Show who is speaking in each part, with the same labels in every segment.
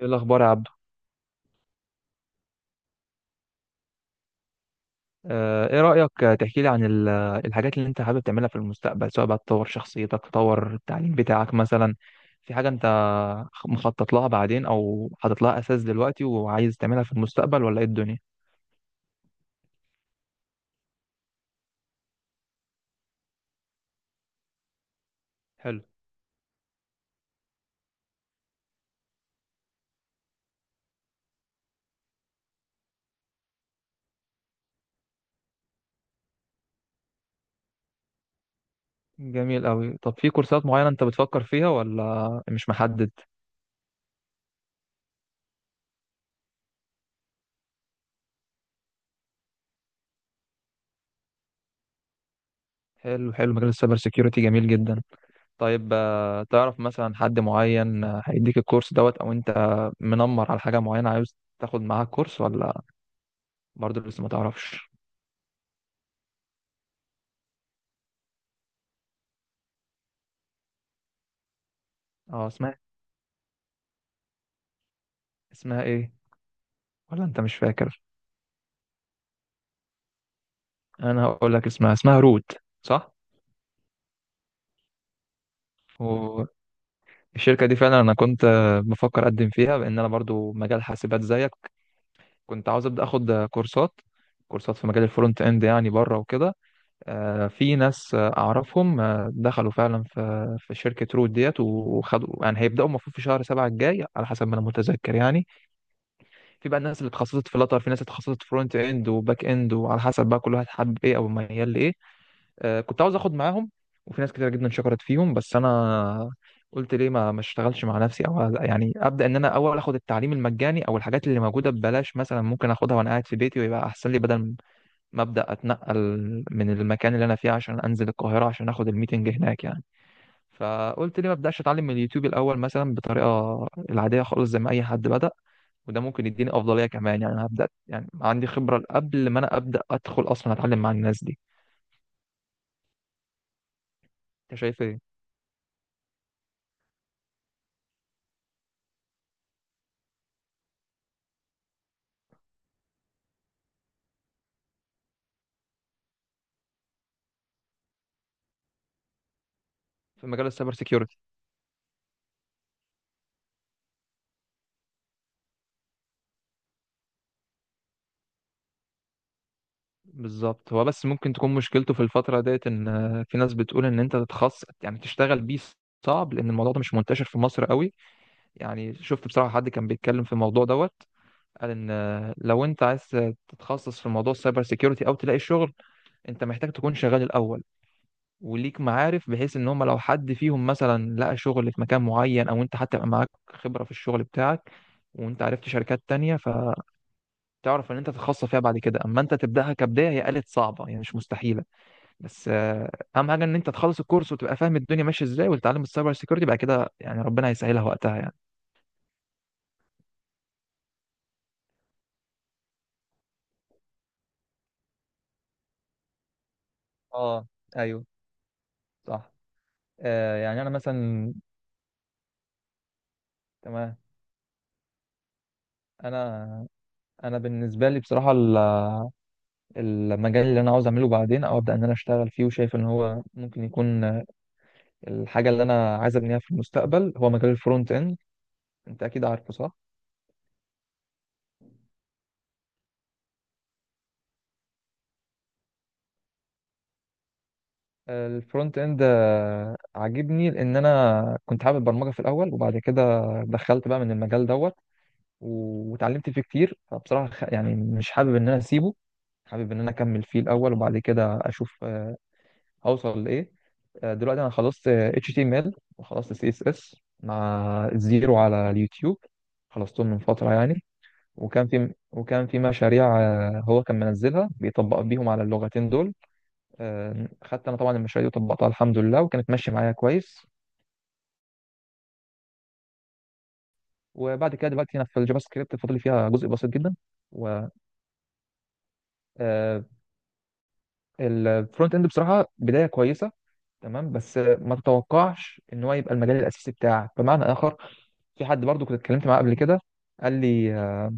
Speaker 1: ايه الاخبار يا عبدو؟ ايه رايك تحكي لي عن الحاجات اللي انت حابب تعملها في المستقبل، سواء بقى تطور شخصيتك، تطور التعليم بتاعك مثلا؟ في حاجه انت مخطط لها بعدين او حاطط لها اساس دلوقتي وعايز تعملها في المستقبل، ولا ايه الدنيا؟ حلو. جميل قوي. طب في كورسات معينه انت بتفكر فيها ولا مش محدد؟ حلو حلو، مجال السايبر سيكيورتي جميل جدا. طيب تعرف مثلا حد معين هيديك الكورس دوت، او انت منمر على حاجه معينه عاوز تاخد معاها كورس، ولا برضه لسه ما تعرفش؟ اه، اسمها اسمها ايه، ولا انت مش فاكر؟ انا هقول لك اسمها، اسمها روت، صح؟ والشركه دي فعلا انا كنت بفكر اقدم فيها، لان انا برضو مجال حاسبات زيك. كنت عاوز ابدا اخد كورسات، كورسات في مجال الفرونت اند يعني، بره وكده. في ناس اعرفهم دخلوا فعلا في شركه روت ديت وخدوا، يعني هيبداوا المفروض في شهر سبعة الجاي على حسب ما انا متذكر يعني. في بقى الناس اللي اتخصصت في لاتر، في ناس اتخصصت فرونت اند وباك اند، وعلى حسب بقى كل واحد حابب ايه او ميال لايه. كنت عاوز اخد معاهم، وفي ناس كتير جدا شكرت فيهم، بس انا قلت ليه ما اشتغلش مع نفسي، او يعني ابدا ان انا اول اخد التعليم المجاني او الحاجات اللي موجوده ببلاش مثلا، ممكن اخدها وانا قاعد في بيتي ويبقى احسن لي، بدل ما ابدا اتنقل من المكان اللي انا فيه عشان انزل القاهره عشان اخد الميتنج هناك يعني. فقلت ليه ما ابداش اتعلم من اليوتيوب الاول مثلا بطريقه العاديه خالص زي ما اي حد بدا، وده ممكن يديني افضليه كمان يعني، انا هبدا يعني عندي خبره قبل ما انا ابدا ادخل اصلا اتعلم مع الناس دي. انت شايف ايه؟ في مجال السايبر سيكيورتي. بالظبط. هو بس ممكن تكون مشكلته في الفترة ديت ان في ناس بتقول ان انت تتخصص يعني تشتغل بيه صعب، لان الموضوع ده مش منتشر في مصر قوي. يعني شفت بصراحة حد كان بيتكلم في الموضوع دوت، قال ان لو انت عايز تتخصص في موضوع السايبر سيكيورتي او تلاقي شغل، انت محتاج تكون شغال الاول، وليك معارف بحيث ان هم لو حد فيهم مثلا لقى شغل في مكان معين، او انت حتى يبقى معاك خبرة في الشغل بتاعك وانت عرفت شركات تانية، فتعرف ان انت تتخصص فيها بعد كده. اما انت تبدأها كبداية، هي قالت صعبة يعني، مش مستحيلة. بس اهم حاجه ان انت تخلص الكورس وتبقى فاهم الدنيا ماشيه ازاي، وتتعلم السايبر سيكيورتي بعد كده، يعني ربنا هيسهلها وقتها يعني. اه، ايوه، صح. آه يعني انا مثلا. تمام. انا انا بالنسبه لي بصراحه المجال اللي انا عاوز اعمله بعدين او ابدا ان انا اشتغل فيه وشايف ان هو ممكن يكون الحاجه اللي انا عايز ابنيها في المستقبل، هو مجال الفرونت اند. انت اكيد عارفه، صح؟ الفرونت اند عاجبني، لان انا كنت حابب البرمجه في الاول، وبعد كده دخلت بقى من المجال دوت، و- واتعلمت فيه كتير، فبصراحة يعني مش حابب ان انا اسيبه، حابب ان انا اكمل فيه الاول وبعد كده اشوف اوصل لايه. دلوقتي انا خلصت HTML وخلصت CSS مع الزيرو على اليوتيوب، خلصتهم من فترة يعني. وكان في مشاريع هو كان منزلها بيطبق بيهم على اللغتين دول. خدت انا طبعا المشاريع دي وطبقتها الحمد لله وكانت ماشية معايا كويس. وبعد كده دلوقتي انا في الجافا سكريبت، فاضل لي فيها جزء بسيط جدا. الفرونت اند بصراحه بدايه كويسه، تمام، بس ما تتوقعش ان هو يبقى المجال الاساسي بتاعك بمعنى اخر. في حد برضو كنت اتكلمت معاه قبل كده، قال لي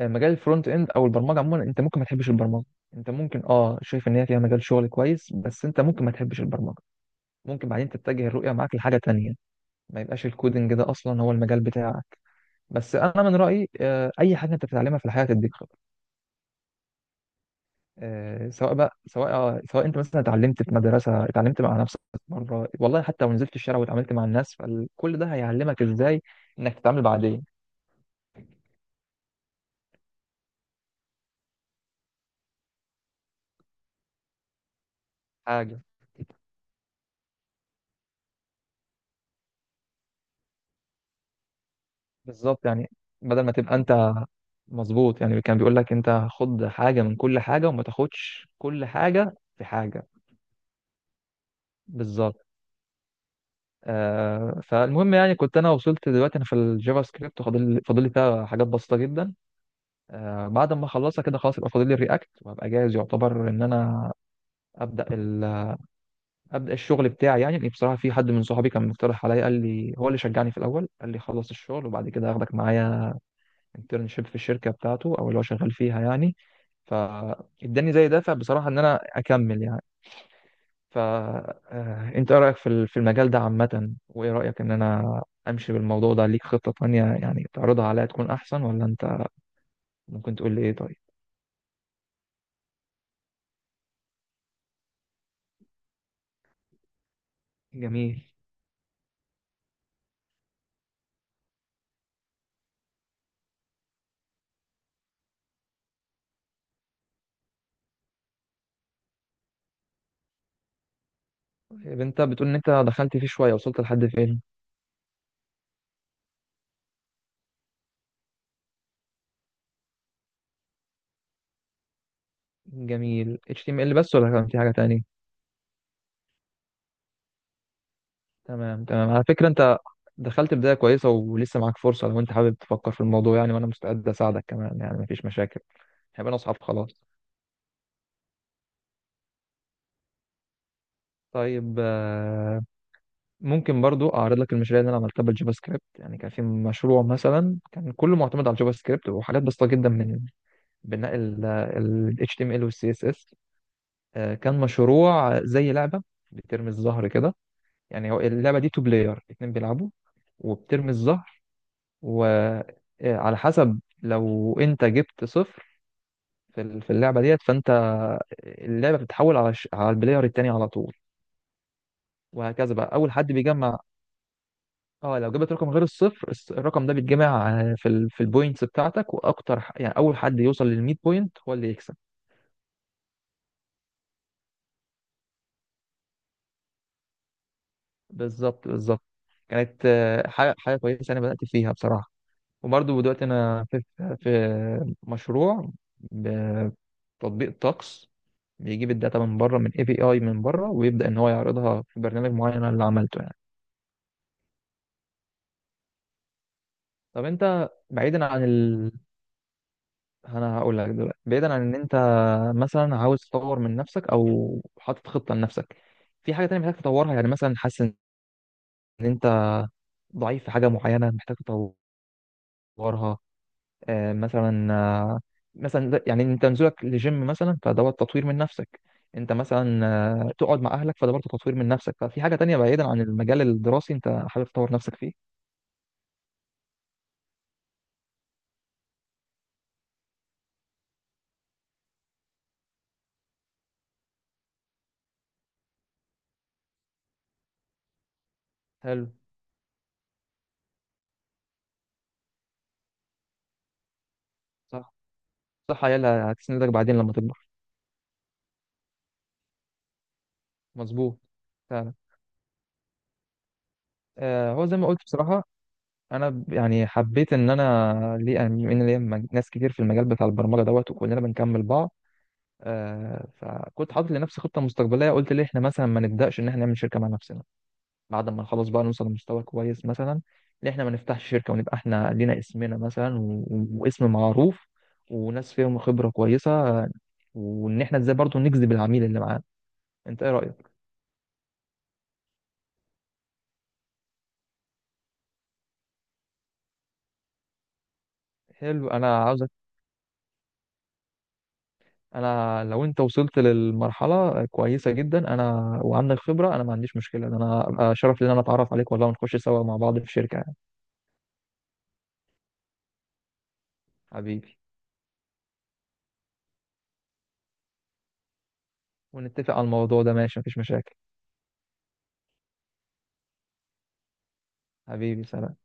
Speaker 1: مجال الفرونت اند او البرمجه عموما انت ممكن ما تحبش البرمجه، انت ممكن اه شايف ان هي فيها مجال شغل كويس بس انت ممكن ما تحبش البرمجه، ممكن بعدين تتجه الرؤيه معاك لحاجه تانية، ما يبقاش الكودنج ده اصلا هو المجال بتاعك. بس انا من رايي اي حاجه انت بتتعلمها في الحياه تديك خبرة. سواء بقى، سواء سواء انت مثلا اتعلمت في مدرسه، اتعلمت مع نفسك مره، والله حتى لو نزلت الشارع واتعاملت مع الناس، فكل ده هيعلمك ازاي انك تتعامل بعدين. حاجه. بالظبط يعني، بدل ما تبقى انت. مظبوط يعني، كان بيقول لك انت خد حاجه من كل حاجه وما تاخدش كل حاجه في حاجه. بالظبط. آه، فالمهم يعني، كنت انا وصلت دلوقتي انا في الجافا سكريبت، وفاضل لي فيها حاجات بسيطه جدا. آه بعد ما اخلصها كده خلاص، يبقى فاضل لي الرياكت، وهبقى جاهز يعتبر ان انا ابدا ابدا الشغل بتاعي يعني. لأن بصراحه في حد من صحابي كان مقترح عليا، قال لي، هو اللي شجعني في الاول، قال لي خلص الشغل وبعد كده هاخدك معايا انترنشيب في الشركه بتاعته او اللي هو شغال فيها يعني. فاداني زي دافع بصراحه ان انا اكمل يعني. فانت ايه رايك في في المجال ده عامه؟ وايه رايك ان انا امشي بالموضوع ده؟ ليك خطه تانية يعني تعرضها عليا تكون احسن، ولا انت ممكن تقول لي ايه؟ طيب. جميل. طيب انت بتقول ان انت دخلت فيه شويه، وصلت لحد فين؟ جميل، HTML بس ولا كان في حاجه تانية؟ تمام تمام، على فكرة انت دخلت بداية كويسة ولسه معاك فرصة لو انت حابب تفكر في الموضوع يعني، وانا مستعد اساعدك كمان يعني، مفيش مشاكل، هيبقى اصحاب خلاص. طيب ممكن برضو اعرض لك المشاريع اللي انا عملتها بالجافا سكريبت يعني. كان في مشروع مثلا كان كله معتمد على الجافا سكريبت وحاجات بسيطة جدا من بناء ال HTML وال CSS. كان مشروع زي لعبة بترمي الزهر كده، يعني هو اللعبة دي تو بلاير، اتنين بيلعبوا وبترمي الزهر، وعلى حسب لو انت جبت صفر في في اللعبه ديت، فانت اللعبه بتتحول على على البلاير التاني على طول، وهكذا بقى اول حد بيجمع. اه لو جبت رقم غير الصفر، الرقم ده بيتجمع في في البوينتس بتاعتك، واكتر يعني اول حد يوصل لل 100 بوينت هو اللي يكسب. بالظبط بالظبط. كانت حاجه كويسه انا بدات فيها بصراحه. وبرضه دلوقتي انا في مشروع تطبيق طقس، بيجيب الداتا من بره، من اي بي اي من بره، ويبدا ان هو يعرضها في برنامج معين، أنا اللي عملته يعني. طب انت بعيدا عن انا هقول لك دلوقتي، بعيدا عن ان انت مثلا عاوز تطور من نفسك او حاطط خطه لنفسك، في حاجه تانية محتاج تطورها؟ يعني مثلا حاسس ان انت ضعيف في حاجه معينه محتاج تطورها. مثلا مثلا يعني انت نزولك لجيم مثلا فدوت تطوير من نفسك، انت مثلا تقعد مع اهلك فده برضه تطوير من نفسك. ففي حاجه تانية بعيدا عن المجال الدراسي انت حابب تطور نفسك فيه؟ حلو. صح. صح، عيالها هتسندك بعدين لما تكبر. مظبوط، فعلا. هو زي ما قلت بصراحه، انا يعني حبيت ان انا، ليه ان ليا ناس كتير في المجال بتاع البرمجه دوت وكلنا بنكمل بعض. فكنت حاطط لنفسي خطه مستقبليه، قلت ليه احنا مثلا ما نبداش ان احنا نعمل شركه مع نفسنا؟ بعد ما نخلص بقى نوصل لمستوى كويس مثلا، ان احنا ما نفتحش شركه ونبقى احنا لينا اسمنا مثلا، واسم معروف، وناس فيهم خبره كويسه، وان احنا ازاي برضو نجذب العميل اللي معانا. انت ايه رايك؟ حلو. انا عاوزك. انا لو انت وصلت للمرحله كويسه جدا، انا وعندك خبره، انا ما عنديش مشكله، انا ابقى شرف لي ان انا اتعرف عليك والله، ونخش سوا مع بعض في شركه يعني. حبيبي. ونتفق على الموضوع ده، ماشي، مفيش مشاكل. حبيبي، سلام.